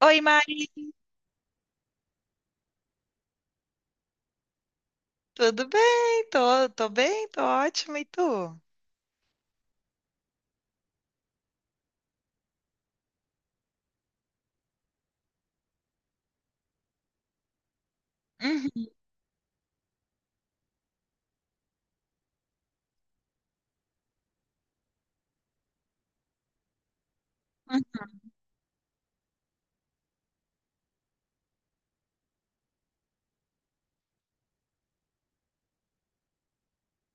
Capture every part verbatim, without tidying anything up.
Oi, Mari, tudo bem? Tô, tô bem, tô ótima, e tu? Uhum.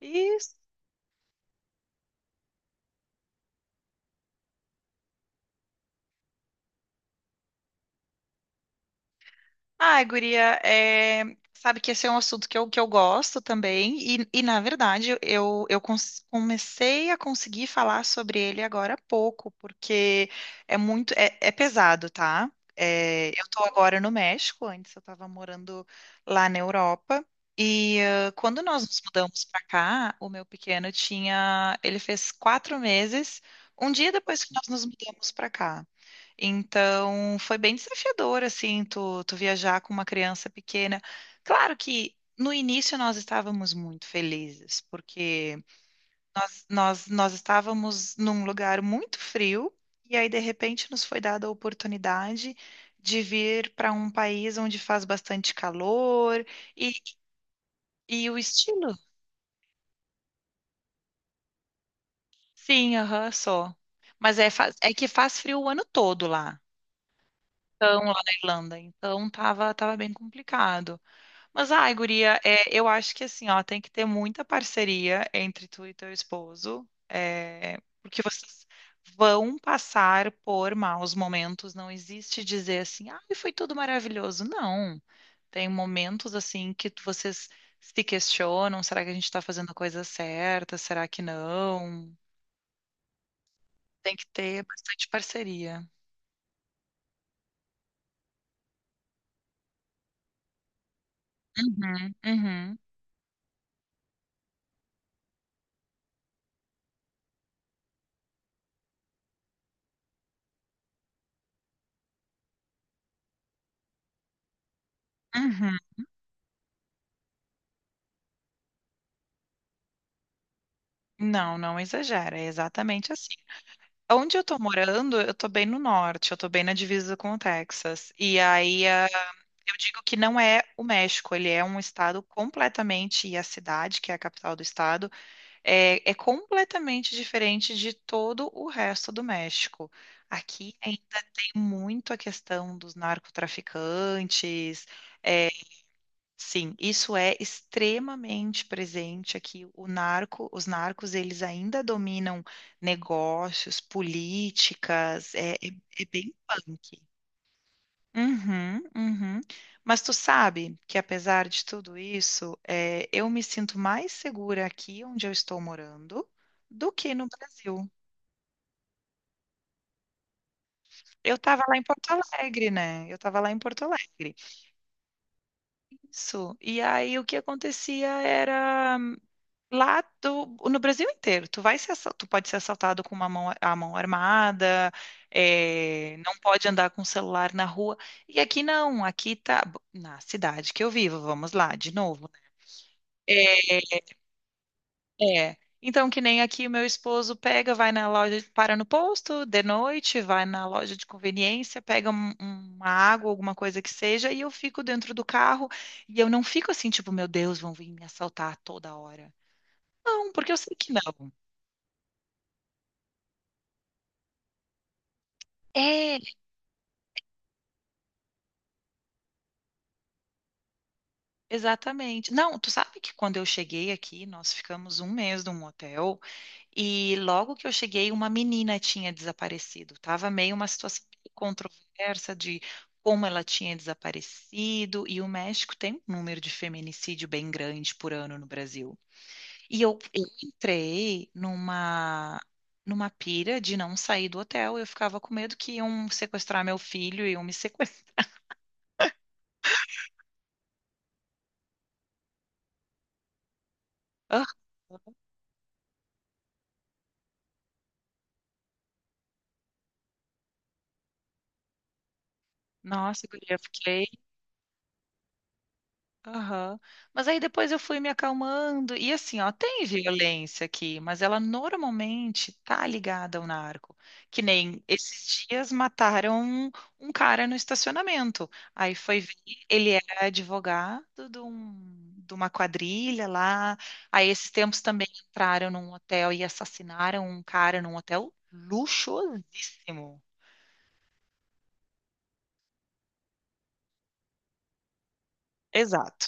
Isso. Ah, guria, é, sabe que esse é um assunto que eu, que eu gosto também, e, e, na verdade eu, eu cons- comecei a conseguir falar sobre ele agora há pouco, porque é muito, é, é pesado, tá? É, eu tô agora no México, antes eu tava morando lá na Europa, e ah, quando nós nos mudamos pra cá, o meu pequeno tinha, ele fez quatro meses, um dia depois que nós nos mudamos pra cá. Então, foi bem desafiador, assim, tu, tu viajar com uma criança pequena. Claro que no início nós estávamos muito felizes, porque nós, nós, nós estávamos num lugar muito frio, e aí, de repente, nos foi dada a oportunidade de vir para um país onde faz bastante calor e, e o estilo. Sim, aham, só. Mas é, faz- é que faz frio o ano todo lá. Então, lá na Irlanda. Então, tava, tava bem complicado. Mas, ai, guria, é, eu acho que assim, ó, tem que ter muita parceria entre tu e teu esposo, é, porque vocês vão passar por maus momentos. Não existe dizer assim, ai, foi tudo maravilhoso. Não. Tem momentos assim que tu- vocês se questionam, será que a gente tá fazendo a coisa certa? Será que não? Tem que ter bastante parceria. Uhum, uhum, uhum. Não, não exagera, é exatamente assim. Onde eu tô morando, eu tô bem no norte, eu tô bem na divisa com o Texas. E aí, ah, eu digo que não é o México, ele é um estado completamente, e a cidade, que é a capital do estado, é, é completamente diferente de todo o resto do México. Aqui ainda tem muito a questão dos narcotraficantes, eh, sim, isso é extremamente presente aqui. O narco, os narcos, eles ainda dominam negócios, políticas, é, é- é bem punk. Uhum, uhum. Mas tu sabe que apesar de tudo isso, é, eu me sinto mais segura aqui onde eu estou morando do que no Brasil. Eu estava lá em Porto Alegre, né? Eu estava lá em Porto Alegre. Isso. E aí o que acontecia era, Lá do- no Brasil inteiro, tu vai ser, assa- tu pode ser assaltado com uma mão, a mão armada, é, não pode andar com o celular na rua. E aqui não, aqui tá bo- na cidade que eu vivo, vamos lá, de novo, né? É, é. Então, que nem aqui o meu esposo pega, vai na loja, para no posto de noite, vai na loja de conveniência, pega um- uma água, alguma coisa que seja, e eu fico dentro do carro e eu não fico assim, tipo, meu Deus, vão vir me assaltar toda hora. Não, porque eu sei que não. É, exatamente. Não, tu sabe que quando eu cheguei aqui, nós ficamos um mês num hotel e logo que eu cheguei, uma menina tinha desaparecido. Tava meio uma situação controversa de como ela tinha desaparecido e o México tem um número de feminicídio bem grande por ano no Brasil. E eu, eu entrei numa numa pira de não sair do hotel. Eu ficava com medo que iam sequestrar meu filho e iam me sequestrar. Nossa, guria, eu fiquei. Aham. Mas aí depois eu fui me acalmando. E assim, ó, tem violência aqui, mas ela normalmente tá ligada ao narco. Que nem esses dias mataram um, um cara no estacionamento. Aí foi ver, ele era advogado de, um- de uma quadrilha lá. Aí esses tempos também entraram num hotel e assassinaram um cara num hotel luxuosíssimo. Exato.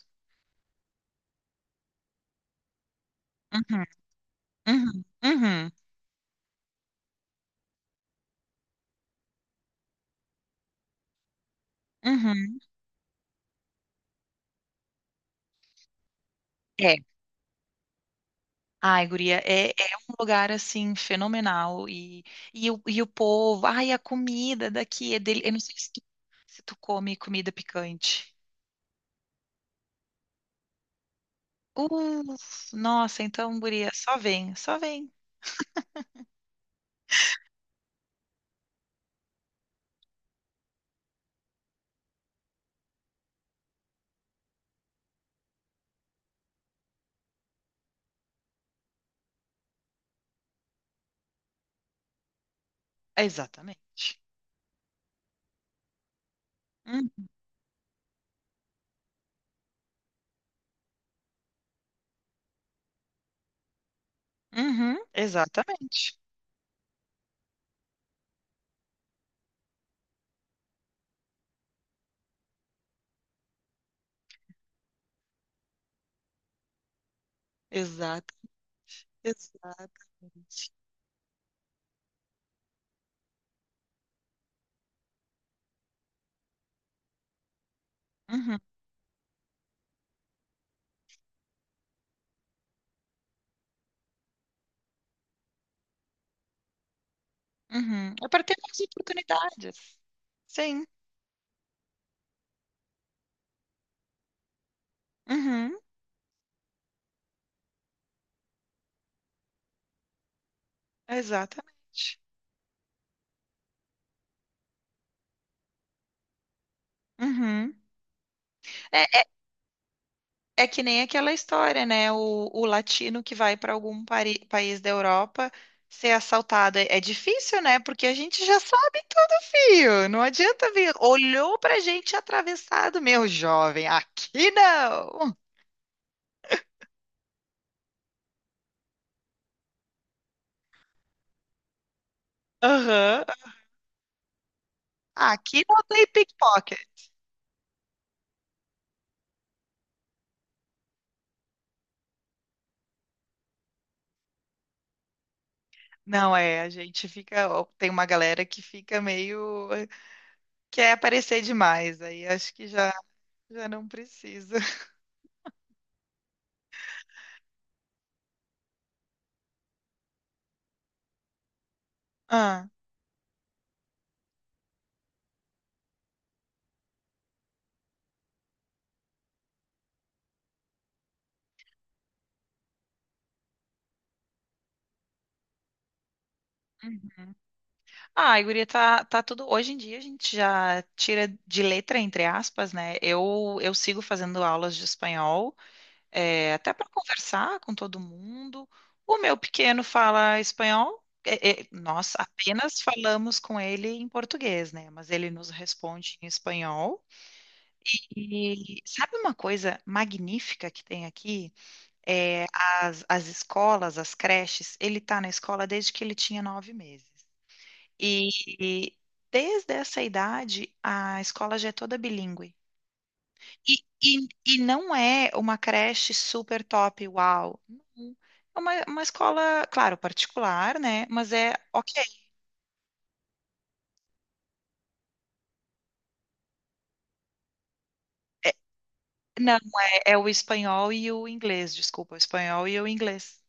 Uhum, uhum, uhum, uhum. É, ai, guria, é, é um lugar, assim, fenomenal, e, e, o, e o povo, ai, a comida daqui é dele, eu não sei se tu, se tu come comida picante. Uh, nossa, então, guria, só vem, só vem. Exatamente. Hum, Uhum, exatamente. Exato, exatamente. Uhum, uhum. É para ter mais oportunidades. Sim. Uhum, exatamente. Uhum. É, é que nem aquela história, né? O, o latino que vai para algum pari- país da Europa ser assaltado. É, é difícil, né? Porque a gente já sabe tudo, fio. Não adianta vir. Olhou pra gente atravessado, meu jovem. Aqui não. Aham. Aqui não tem pickpocket. Não é, a gente fica. Ó, tem uma galera que fica meio. Quer aparecer demais. Aí acho que já, já não precisa. Ah. Ah, a guria tá, tá tudo. Hoje em dia a gente já tira de letra, entre aspas, né? Eu, eu sigo fazendo aulas de espanhol, é, até para conversar com todo mundo. O meu pequeno fala espanhol, é, é, nós apenas falamos com ele em português, né? Mas ele nos responde em espanhol. E sabe uma coisa magnífica que tem aqui? É, as, as escolas, as creches, ele tá na escola desde que ele tinha nove meses. E, e desde essa idade, a escola já é toda bilíngue. E, e, e não é uma creche super top, uau. Não. É uma, uma escola, claro, particular, né? Mas é ok. É- não, é, é o espanhol e o inglês, desculpa, o espanhol e o inglês.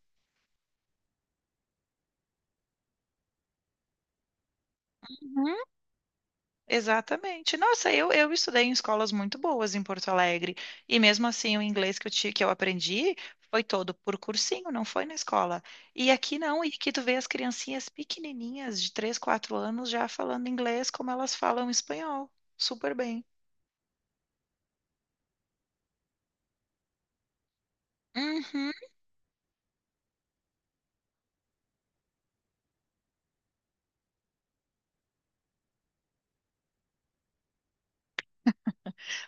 Exatamente. Nossa, eu, eu estudei em escolas muito boas em Porto Alegre. E mesmo assim, o inglês que eu, ti- que eu aprendi foi todo por cursinho, não foi na escola. E aqui não, e aqui tu vê as criancinhas pequenininhas de três quatro anos já falando inglês como elas falam espanhol. Super bem. Uhum.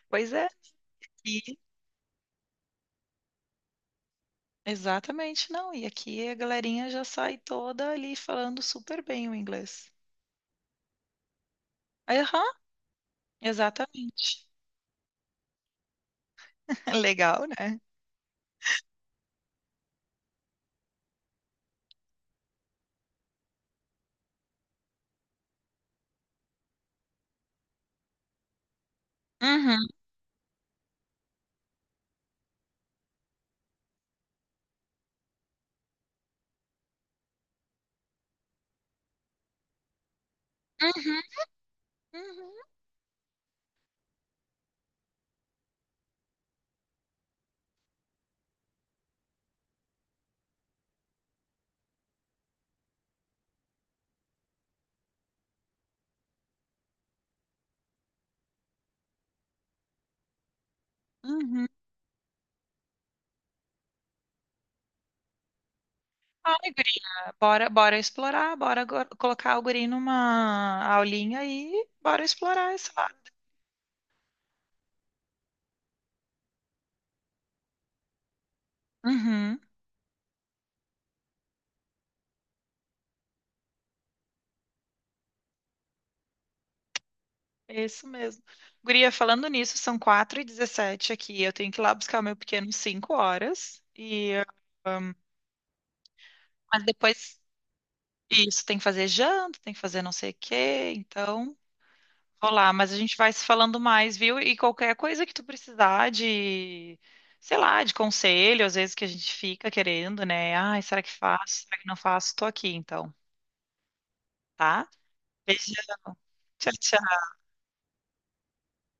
Pois é. E, exatamente, não. E aqui a galerinha já sai toda ali falando super bem o inglês. Aham, exatamente. Legal, né? Uhum, uhum, uhum, uhum. Ai, guria, bora, bora explorar, bora go- colocar o guri numa aulinha e bora explorar esse lado. Uhum, é isso mesmo. Guria, falando nisso, são quatro e dezessete aqui, eu tenho que ir lá buscar o meu pequeno cinco horas, e, mas depois, isso, tem que fazer janta, tem que fazer não sei o quê, então... Olá, mas a gente vai se falando mais, viu? E qualquer coisa que tu precisar de, sei lá, de conselho, às vezes que a gente fica querendo, né? Ai, será que faço? Será que não faço? Tô aqui, então, tá? Beijão. Tchau, tchau.